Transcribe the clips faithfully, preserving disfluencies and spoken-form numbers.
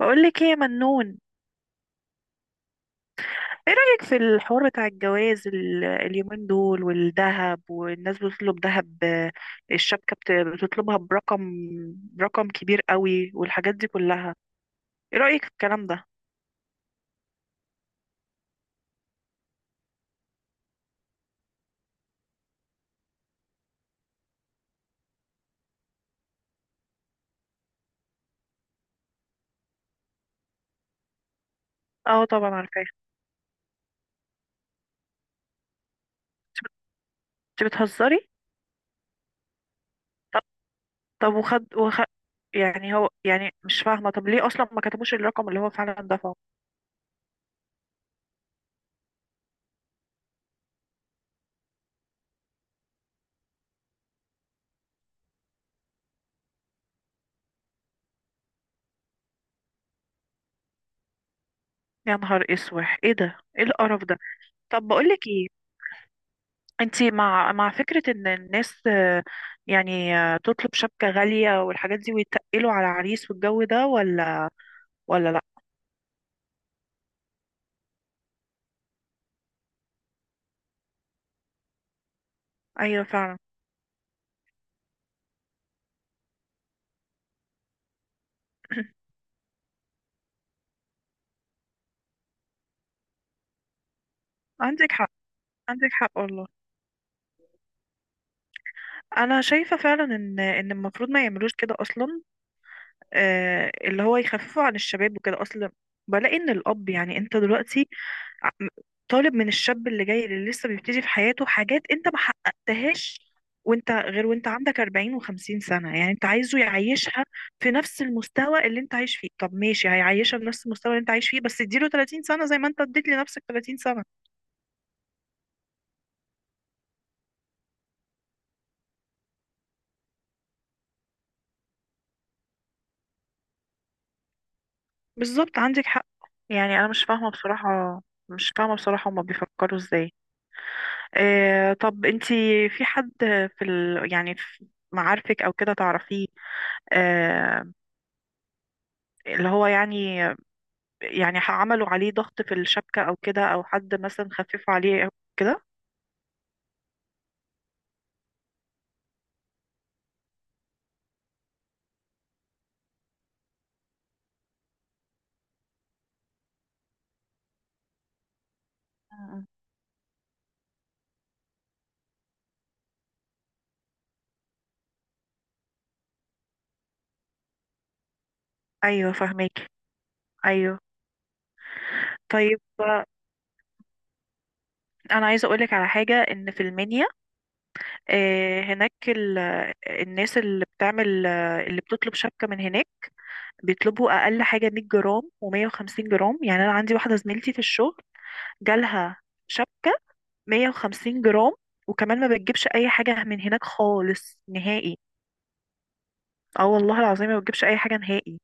بقولك ايه يا منون. ايه رأيك في الحوار بتاع الجواز ال- اليومين دول، والذهب، والناس بتطلب ذهب، آه، الشبكة بت- بتطلبها برقم برقم كبير قوي والحاجات دي كلها؟ ايه رأيك في الكلام ده؟ اه طبعا عارفاه انت. بت- بتهزري؟ طب طب وخد وخ... يعني هو، يعني مش فاهمة، طب ليه اصلا ما كتبوش الرقم اللي هو فعلا دفعه؟ يا نهار اسود، ايه ده، ايه القرف ده! طب بقولك ايه، انتي مع مع فكرة ان الناس، آه، يعني آه، تطلب شبكة غالية والحاجات دي ويتقلوا على عريس والجو ده، ولا ولا لا؟ ايوه فعلا. عندك حق، عندك حق والله. انا شايفة فعلا ان ان المفروض ما يعملوش كده اصلا، آه، اللي هو يخففوا عن الشباب وكده اصلا. بلاقي ان الاب، يعني انت دلوقتي عم- طالب من الشاب اللي جاي، اللي لسه بيبتدي في حياته، حاجات انت ما حققتهاش وانت غير، وانت عندك أربعين و50 سنة. يعني انت عايزه يعيشها في نفس المستوى اللي انت عايش فيه؟ طب ماشي، هيعيشها بنفس المستوى اللي انت عايش فيه، بس اديله ثلاثين سنة زي ما انت اديت لنفسك ثلاثين سنة. بالظبط، عندك حق. يعني انا مش فاهمة بصراحة، مش فاهمة بصراحة هما بيفكروا ازاي. آه، طب انتي، في حد، في ال... يعني في معارفك او كده تعرفيه، آه، اللي هو يعني، يعني عملوا عليه ضغط في الشبكة، أو كده، أو حد مثلا خففوا عليه، أو كده؟ م- أيوة فهماكي. أيوة. طيب، أنا عايزة أقولك على حاجة، إن في المنيا آه، هناك ال- الناس اللي بتعمل، آه، اللي بتطلب شبكة من هناك، بيطلبوا أقل حاجة 100 جرام و150 جرام. يعني أنا عندي واحدة زميلتي في الشغل جالها شبكة 150 جرام، وكمان ما بتجيبش أي حاجة من هناك خالص نهائي. اه والله العظيم ما بتجيبش أي حاجة نهائي.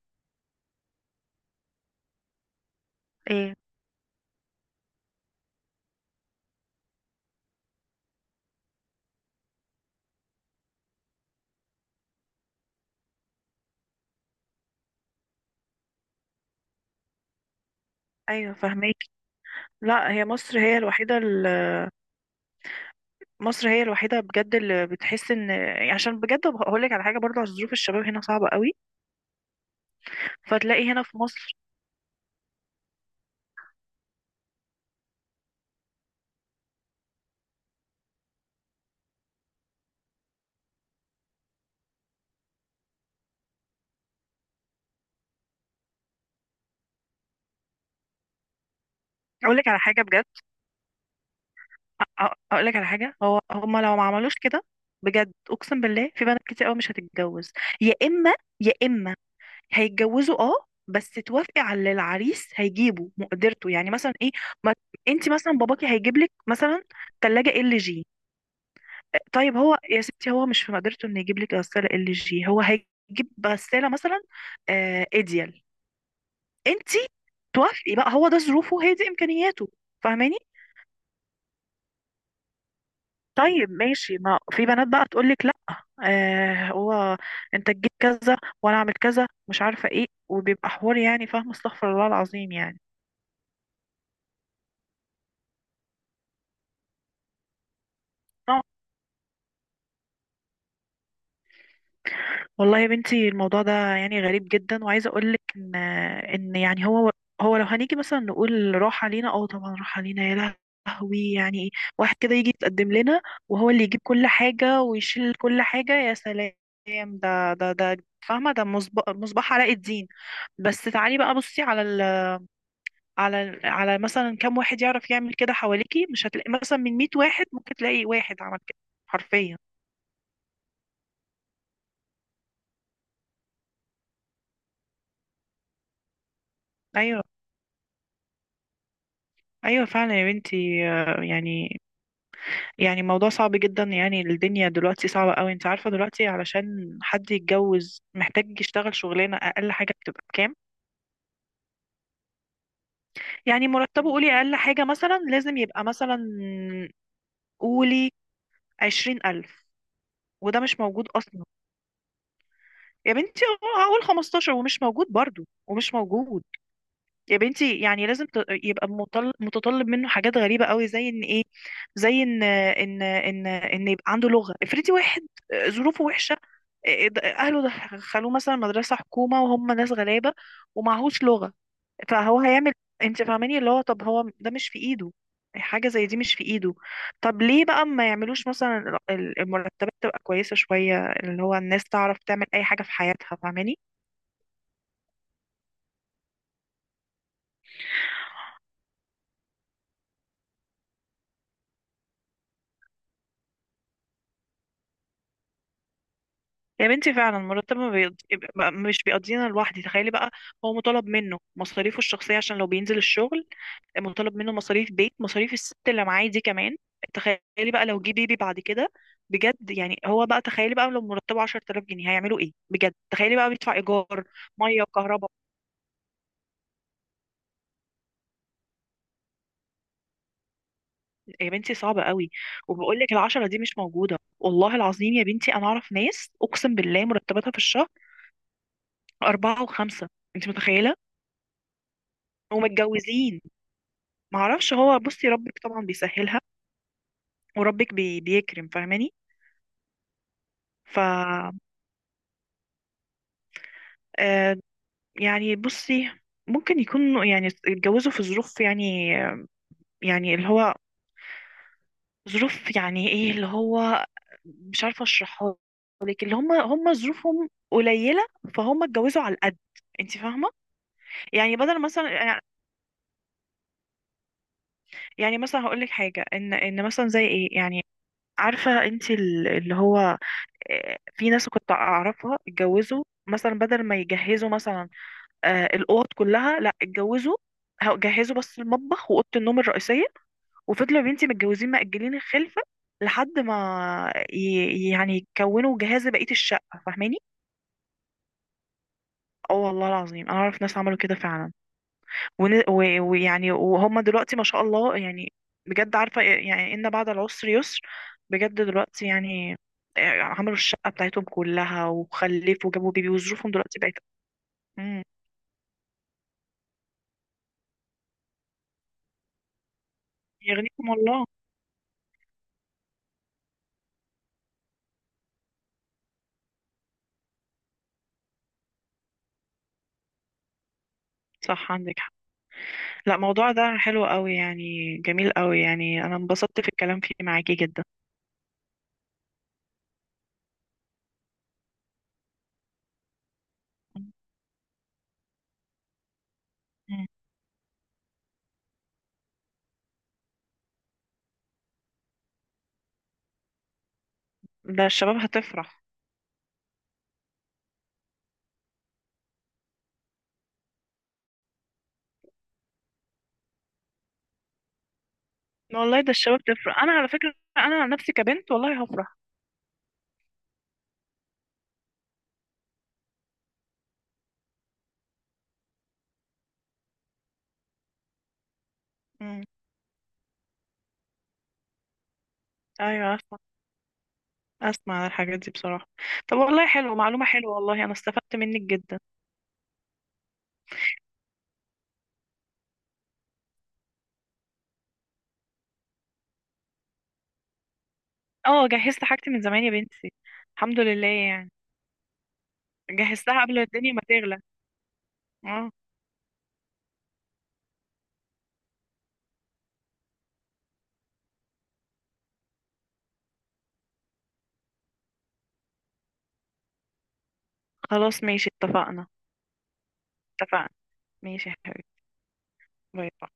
ايه؟ أيوة فهماكي. لا، هي مصر هي الوحيدة ال- مصر هي الوحيدة بجد اللي بتحس ان، عشان بجد هقول لك على حاجة برضه، عشان ظروف الشباب هنا صعبة قوي. فتلاقي هنا في مصر. اقول لك على حاجة بجد اقول لك على حاجة، هو هما لو ما عملوش كده بجد اقسم بالله في بنات كتير قوي مش هتتجوز. يا اما يا اما هيتجوزوا، اه، بس توافقي على اللي العريس هيجيبه، مقدرته يعني، مثلا ايه. ما انت مثلا باباكي هيجيب لك مثلا ثلاجة ال جي. طيب هو يا ستي، هو مش في مقدرته انه يجيب لك غساله ال جي، هو هيجيب غساله مثلا آه ايديال. انت توافقي بقى، هو ده ظروفه، هي دي امكانياته. فاهماني؟ طيب ماشي، ما في بنات بقى تقول لك لا، آه هو انت تجيب كذا وانا اعمل كذا، مش عارفه ايه، وبيبقى حوار يعني. فاهمه؟ استغفر الله العظيم يعني. والله يا بنتي الموضوع ده يعني غريب جدا، وعايزه اقول لك ان، ان يعني هو، هو لو هنيجي مثلا نقول راح علينا، اه طبعا راح علينا. يا لهوي يعني، واحد كده يجي يتقدم لنا، وهو اللي يجيب كل حاجه ويشيل كل حاجه، يا سلام! ده ده ده فاهمه، ده مصباح مصباح علاء الدين. بس تعالي بقى بصي على ال على ال على مثلا كام واحد يعرف يعمل كده حواليكي. مش هتلاقي مثلا من 100 واحد ممكن تلاقي واحد عمل كده حرفيا. ايوه، ايوه فعلا يا بنتي، آه، يعني، يعني موضوع صعب جدا. يعني الدنيا دلوقتي صعبة قوي، انت عارفة دلوقتي علشان حد يتجوز محتاج يشتغل شغلانة، اقل حاجة بتبقى بكام؟ يعني مرتبه، قولي اقل حاجة مثلا لازم يبقى مثلا، قولي عشرين الف، وده مش موجود اصلا. يا بنتي، اه هقول خمستاشر، ومش موجود برضو، ومش موجود. يا بنتي يعني لازم ت- يبقى مطل- متطلب منه حاجات غريبة قوي، زي ان ايه، زي ان ان ان ان يبقى عنده لغة. افرضي واحد ظروفه وحشة، اهله دخلوه مثلا مدرسة حكومة وهم ناس غلابة، ومعهوش لغة، فهو هيعمل، انت فاهماني؟ اللي هو طب هو ده مش في ايده، حاجة زي دي مش في ايده. طب ليه بقى ما يعملوش مثلا ال- المرتبات تبقى كويسة شوية، اللي هو الناس تعرف تعمل اي حاجة في حياتها، فاهماني؟ يا بنتي فعلا، مرتب ما بيقض... يبقى- مش بيقضينا لوحدي، تخيلي بقى. هو مطالب منه مصاريفه الشخصية عشان لو بينزل الشغل، مطالب منه مصاريف بيت، مصاريف الست اللي معاه دي كمان. تخيلي بقى لو جه بيبي بعد كده. بجد يعني هو بقى، تخيلي بقى لو مرتبه عشرة آلاف جنيه هيعملوا ايه؟ بجد تخيلي بقى، بيدفع ايجار، ميه وكهرباء. يا بنتي صعبة قوي. وبقول لك، العشرة دي مش موجودة والله العظيم. يا بنتي انا اعرف ناس اقسم بالله مرتباتها في الشهر أربعة وخمسة. انت متخيلة؟ ومتجوزين. ما اعرفش، هو بصي ربك طبعا بيسهلها، وربك بي بيكرم، فاهماني؟ ف آه، يعني بصي، ممكن يكون يعني اتجوزوا في ظروف يعني، يعني اللي هو ظروف يعني ايه اللي هو، مش عارفه اشرحها لك، اللي هم هم ظروفهم قليله، فهم اتجوزوا على القد، انت فاهمه؟ يعني بدل مثلا، يعني مثلا هقول لك حاجه، ان ان مثلا زي ايه يعني، عارفه انت ال- اللي هو، آه، في ناس كنت اعرفها اتجوزوا مثلا بدل ما يجهزوا مثلا آه الاوض كلها، لا اتجوزوا هو- جهزوا بس المطبخ واوضه النوم الرئيسيه، وفضلوا يا بنتي متجوزين مأجلين الخلفه لحد ما ي... يعني يكونوا جهاز بقيه الشقه، فاهماني؟ اه والله العظيم انا اعرف ناس عملوا كده فعلا، ون... و... ويعني وهم دلوقتي ما شاء الله يعني، بجد عارفه يعني ان بعد العسر يسر. بجد دلوقتي يعني آه، عملوا الشقه بتاعتهم كلها وخلفوا وجابوا بيبي وظروفهم دلوقتي بقت. مم. يغنيكم الله. صح عندك حق. لا، موضوع ده حلو قوي يعني، جميل قوي يعني، انا انبسطت في الكلام فيه معاكي جدا. مم. ده الشباب هتفرح. والله ده الشباب تفرح، انا على فكرة انا عن نفسي كبنت والله هفرح. مم. ايوه، اسمع اسمع عن الحاجات دي بصراحة. طب والله حلو، معلومة حلوة والله، انا استفدت منك جدا. اه جهزت حاجتي من زمان يا بنتي. الحمد لله يعني. جهزتها قبل الدنيا ما تغلى. اه خلاص ماشي اتفقنا. اتفقنا، ماشي يا حبيبي. باي باي.